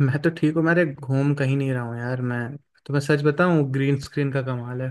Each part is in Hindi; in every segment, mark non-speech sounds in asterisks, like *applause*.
मैं तो ठीक हूँ, मेरे घूम कहीं नहीं रहा हूँ यार। मैं सच बताऊँ, ग्रीन स्क्रीन का कमाल है।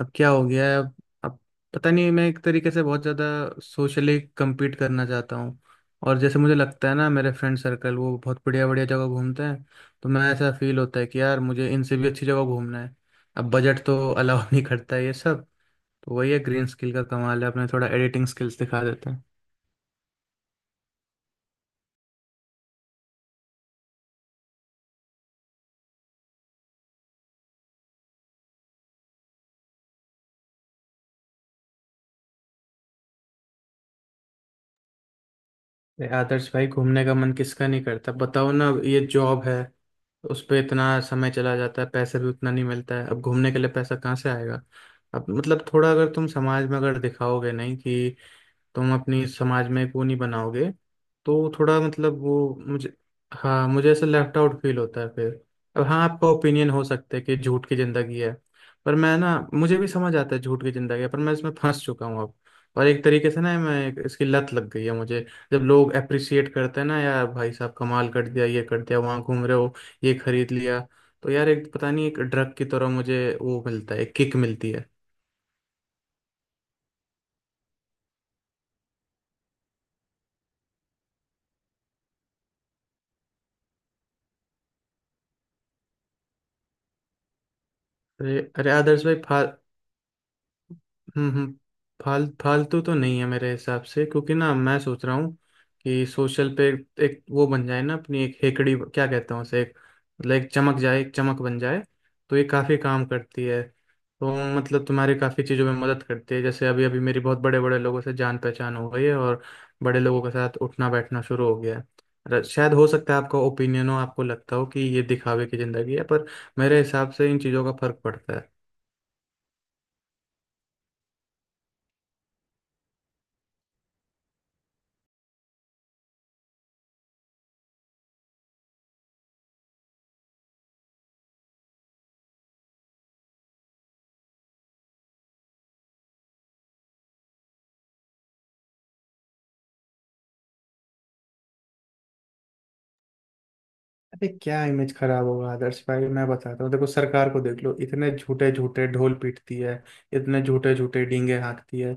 अब क्या हो गया है अब पता नहीं, मैं एक तरीके से बहुत ज़्यादा सोशली compete करना चाहता हूँ। और जैसे मुझे लगता है ना, मेरे फ्रेंड सर्कल वो बहुत बढ़िया बढ़िया जगह घूमते हैं। तो मैं, ऐसा फील होता है कि यार मुझे इनसे भी अच्छी जगह घूमना है। अब बजट तो अलाउ नहीं करता है ये सब। तो वही है, ग्रीन स्किल का कमाल है, अपने थोड़ा एडिटिंग स्किल्स दिखा देते हैं। अरे आदर्श भाई, घूमने का मन किसका नहीं करता, बताओ ना, ये जॉब है, उस पे इतना समय चला जाता है, पैसे भी उतना नहीं मिलता है। अब घूमने के लिए पैसा कहाँ से आएगा। अब मतलब थोड़ा, अगर तुम समाज में अगर दिखाओगे नहीं कि तुम अपनी समाज में एक वो नहीं बनाओगे, तो थोड़ा मतलब वो मुझे, हाँ, मुझे ऐसा लेफ्ट आउट फील होता है फिर। अब हाँ, आपका ओपिनियन हो सकता है कि झूठ की जिंदगी है, पर मैं ना, मुझे भी समझ आता है झूठ की जिंदगी है, पर मैं इसमें फंस चुका हूँ अब। और एक तरीके से ना, मैं इसकी लत लग गई है मुझे। जब लोग अप्रिसिएट करते हैं ना, यार भाई साहब कमाल कर दिया, ये कर दिया, वहाँ घूम रहे हो, ये खरीद लिया, तो यार एक पता नहीं, एक ड्रग की तरह मुझे वो मिलता है, एक किक मिलती है। अरे अरे आदर्श भाई। हम्म हम्म, फालतू तो नहीं है मेरे हिसाब से, क्योंकि ना मैं सोच रहा हूँ कि सोशल पे एक वो बन जाए ना, अपनी एक हेकड़ी क्या कहते हैं उसे, एक मतलब एक चमक जाए, एक चमक बन जाए। तो ये काफ़ी काम करती है, तो मतलब तुम्हारे काफ़ी चीज़ों में मदद करती है। जैसे अभी अभी मेरी बहुत बड़े बड़े लोगों से जान पहचान हो गई है, और बड़े लोगों के साथ उठना बैठना शुरू हो गया है। शायद हो सकता है आपका ओपिनियन हो, आपको लगता हो कि ये दिखावे की ज़िंदगी है, पर मेरे हिसाब से इन चीज़ों का फर्क पड़ता है। अरे क्या इमेज खराब होगा आदर्श भाई, मैं बताता हूँ देखो, सरकार को देख लो इतने झूठे झूठे ढोल पीटती है, इतने झूठे झूठे डींगे हाँकती है।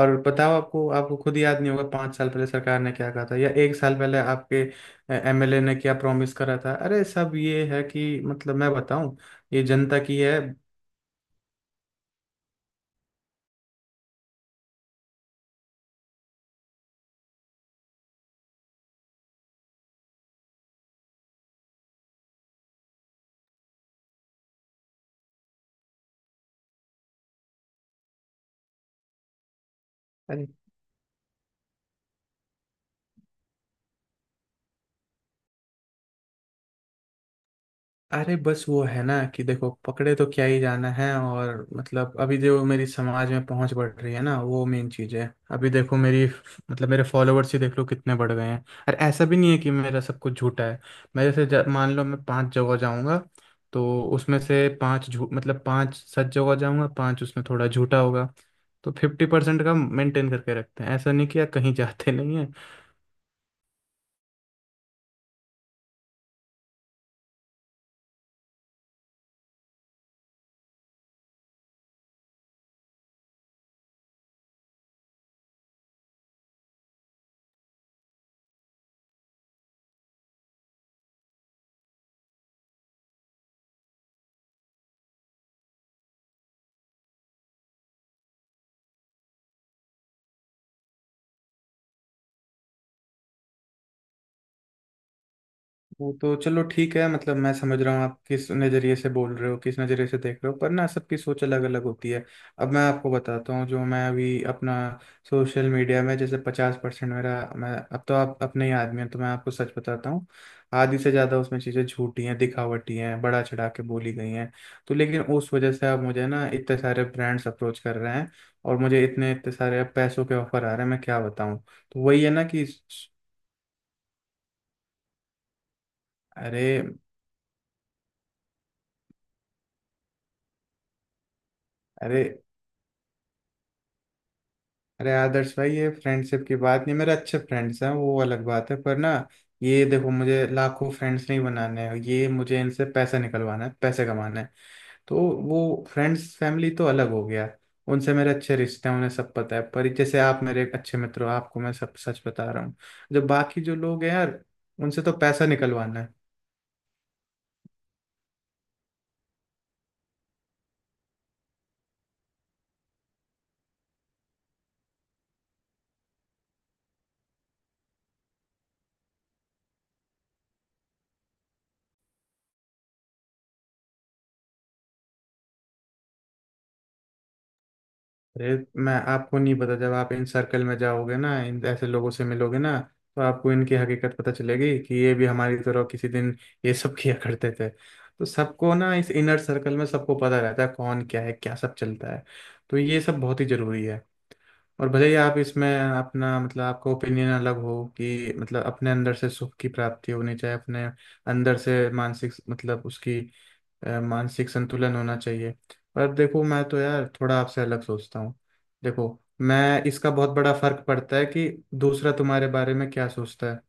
और बताओ, आपको आपको खुद याद नहीं होगा 5 साल पहले सरकार ने क्या कहा था, या एक साल पहले आपके एमएलए ने क्या प्रॉमिस करा था। अरे सब ये है कि मतलब मैं बताऊं, ये जनता की है। अरे अरे, बस वो है ना कि देखो, पकड़े तो क्या ही जाना है, और मतलब अभी जो मेरी समाज में पहुंच बढ़ रही है ना, वो मेन चीज़ है। अभी देखो मेरी, मतलब मेरे फॉलोअर्स ही देख लो कितने बढ़ गए हैं। और ऐसा भी नहीं है कि मेरा सब कुछ झूठा है। मैं जैसे मान लो मैं पांच जगह जाऊंगा, तो उसमें से पांच झूठ मतलब पांच सच जगह जाऊंगा, पांच उसमें थोड़ा झूठा होगा। तो 50% का मेंटेन करके रखते हैं, ऐसा नहीं कि यार कहीं *laughs* जाते नहीं है। वो तो चलो ठीक है, मतलब मैं समझ रहा हूँ आप किस नज़रिए से बोल रहे हो, किस नज़रिए से देख रहे हो, पर ना सबकी सोच अलग अलग होती है। अब मैं आपको बताता हूँ, जो मैं अभी अपना सोशल मीडिया में जैसे 50% मेरा, मैं अब तो आप अपने ही आदमी हैं तो मैं आपको सच बताता हूँ, आधी से ज़्यादा उसमें चीज़ें झूठी हैं, दिखावटी हैं, बड़ा चढ़ा के बोली गई हैं। तो लेकिन उस वजह से अब मुझे ना इतने सारे ब्रांड्स अप्रोच कर रहे हैं, और मुझे इतने इतने सारे अब पैसों के ऑफर आ रहे हैं, मैं क्या बताऊँ। तो वही है ना कि अरे अरे अरे आदर्श भाई, ये फ्रेंडशिप की बात नहीं, मेरे अच्छे फ्रेंड्स हैं वो अलग बात है। पर ना ये देखो, मुझे लाखों फ्रेंड्स नहीं बनाने हैं, ये मुझे इनसे पैसा निकलवाना है, पैसे कमाना है। तो वो फ्रेंड्स फैमिली तो अलग हो गया, उनसे मेरे अच्छे रिश्ते हैं, उन्हें सब पता है। पर जैसे आप मेरे एक अच्छे मित्र हो, आपको मैं सब सच बता रहा हूँ। जो बाकी जो लोग हैं यार, उनसे तो पैसा निकलवाना है। अरे, मैं आपको नहीं पता जब आप इन सर्कल में जाओगे ना, इन ऐसे लोगों से मिलोगे ना, तो आपको इनकी हकीकत पता चलेगी कि ये भी हमारी तरह किसी दिन ये सब *laughs* किया करते थे। तो सबको ना इस इनर सर्कल में सबको पता रहता है कौन क्या है, क्या सब चलता है। तो ये सब बहुत ही जरूरी है। और भले ही आप इसमें अपना मतलब आपका ओपिनियन अलग हो कि मतलब अपने अंदर से सुख की प्राप्ति होनी चाहिए, अपने अंदर से मानसिक मतलब उसकी मानसिक संतुलन होना चाहिए। पर देखो मैं तो यार थोड़ा आपसे अलग सोचता हूँ। देखो मैं, इसका बहुत बड़ा फर्क पड़ता है कि दूसरा तुम्हारे बारे में क्या सोचता है।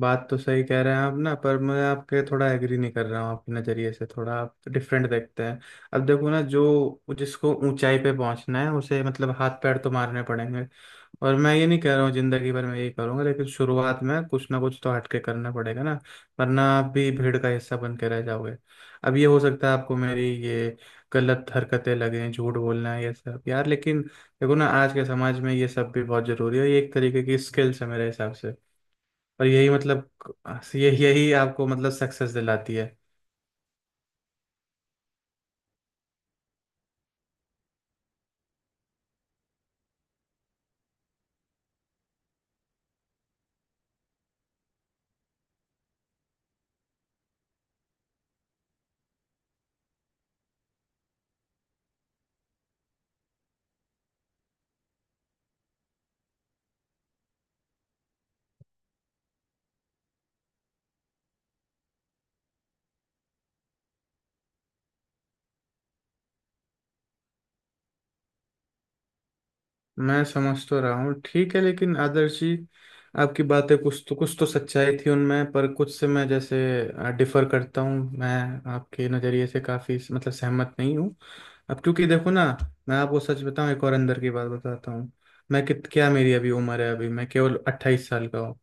बात तो सही कह रहे हैं आप ना, पर मैं आपके थोड़ा एग्री नहीं कर रहा हूँ, आपके नज़रिए से थोड़ा आप डिफरेंट देखते हैं। अब देखो ना, जो जिसको ऊंचाई पे पहुंचना है उसे मतलब हाथ पैर तो मारने पड़ेंगे, और मैं ये नहीं कह रहा हूँ जिंदगी भर मैं ये करूंगा, लेकिन शुरुआत में कुछ ना कुछ तो हट के करना पड़ेगा ना, वरना आप भी भीड़ का हिस्सा बन के रह जाओगे। अब ये हो सकता है आपको मेरी ये गलत हरकतें लगें, झूठ बोलना है ये सब यार, लेकिन देखो ना आज के समाज में ये सब भी बहुत जरूरी है, ये एक तरीके की स्किल्स है मेरे हिसाब से, और यही मतलब यही यही आपको मतलब सक्सेस दिलाती है। मैं समझ तो रहा हूँ ठीक है, लेकिन आदर्श जी आपकी बातें कुछ तो सच्चाई थी उनमें, पर कुछ से मैं जैसे डिफर करता हूँ, मैं आपके नज़रिए से काफ़ी मतलब सहमत नहीं हूँ। अब क्योंकि देखो ना, मैं आपको सच बताऊँ एक और अंदर की बात बताता हूँ, मैं कित क्या मेरी अभी उम्र है, अभी मैं केवल 28 साल का हूँ,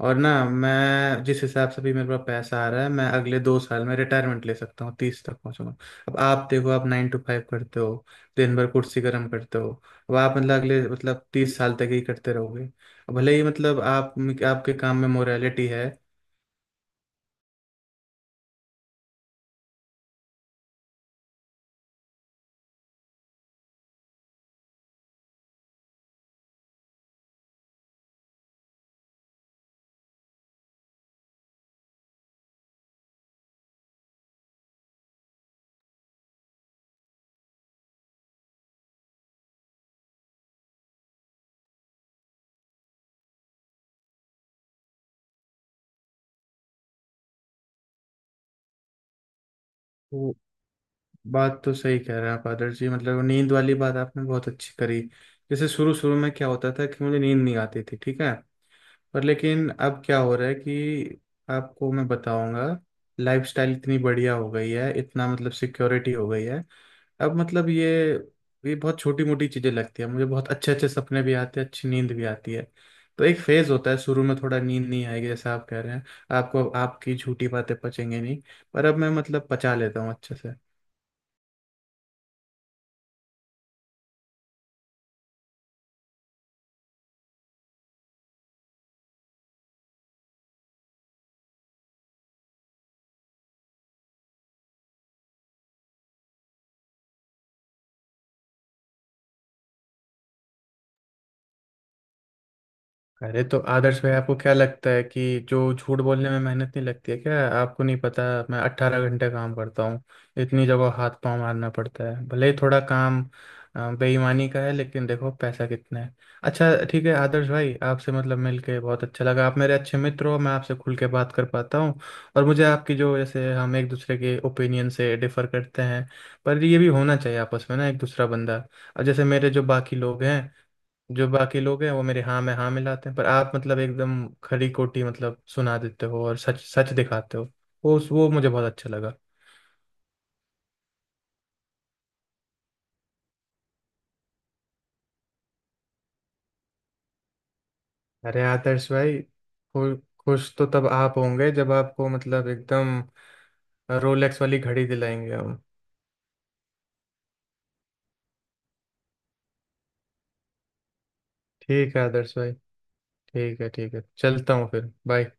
और ना मैं जिस हिसाब से भी मेरे पास पैसा आ रहा है, मैं अगले 2 साल में रिटायरमेंट ले सकता हूँ, 30 तक पहुँचूंगा। अब आप देखो, आप 9 to 5 करते हो, दिन भर कुर्सी गर्म करते हो, अब आप मतलब अगले मतलब 30 साल तक ही करते रहोगे, अब भले ही मतलब आप आपके काम में मोरालिटी है। वो बात तो सही कह रहे हैं आप आदर्श जी, मतलब वो नींद वाली बात आपने बहुत अच्छी करी। जैसे शुरू शुरू में क्या होता था कि मुझे नींद नहीं आती थी ठीक है, पर लेकिन अब क्या हो रहा है कि आपको मैं बताऊंगा, लाइफस्टाइल इतनी बढ़िया हो गई है, इतना मतलब सिक्योरिटी हो गई है। अब मतलब ये बहुत छोटी मोटी चीजें लगती है, मुझे बहुत अच्छे अच्छे सपने भी आते हैं, अच्छी नींद भी आती है। तो एक फेज होता है, शुरू में थोड़ा नींद नहीं आएगी जैसा आप कह रहे हैं, आपको आपकी झूठी बातें पचेंगे नहीं, पर अब मैं मतलब पचा लेता हूँ अच्छे से। अरे तो आदर्श भाई आपको क्या लगता है कि जो झूठ बोलने में मेहनत नहीं लगती है क्या, आपको नहीं पता मैं 18 घंटे काम करता हूँ, इतनी जगह हाथ पांव मारना पड़ता है, भले ही थोड़ा काम बेईमानी का है, लेकिन देखो पैसा कितना है। अच्छा ठीक है आदर्श भाई, आपसे मतलब मिलके बहुत अच्छा लगा, आप मेरे अच्छे मित्र हो, मैं आपसे खुल के बात कर पाता हूँ, और मुझे आपकी जो, जैसे हम एक दूसरे के ओपिनियन से डिफर करते हैं, पर ये भी होना चाहिए आपस में ना एक दूसरा बंदा। और जैसे मेरे जो बाकी लोग हैं, जो बाकी लोग हैं वो मेरे हाँ में हाँ मिलाते हैं, पर आप मतलब एकदम खरी खोटी मतलब सुना देते हो और सच सच दिखाते हो, वो मुझे बहुत अच्छा लगा। अरे आदर्श भाई, खुश तो तब आप होंगे जब आपको मतलब एकदम रोलेक्स वाली घड़ी दिलाएंगे हम। ठीक है आदर्श भाई, ठीक है ठीक है, चलता हूँ फिर बाय।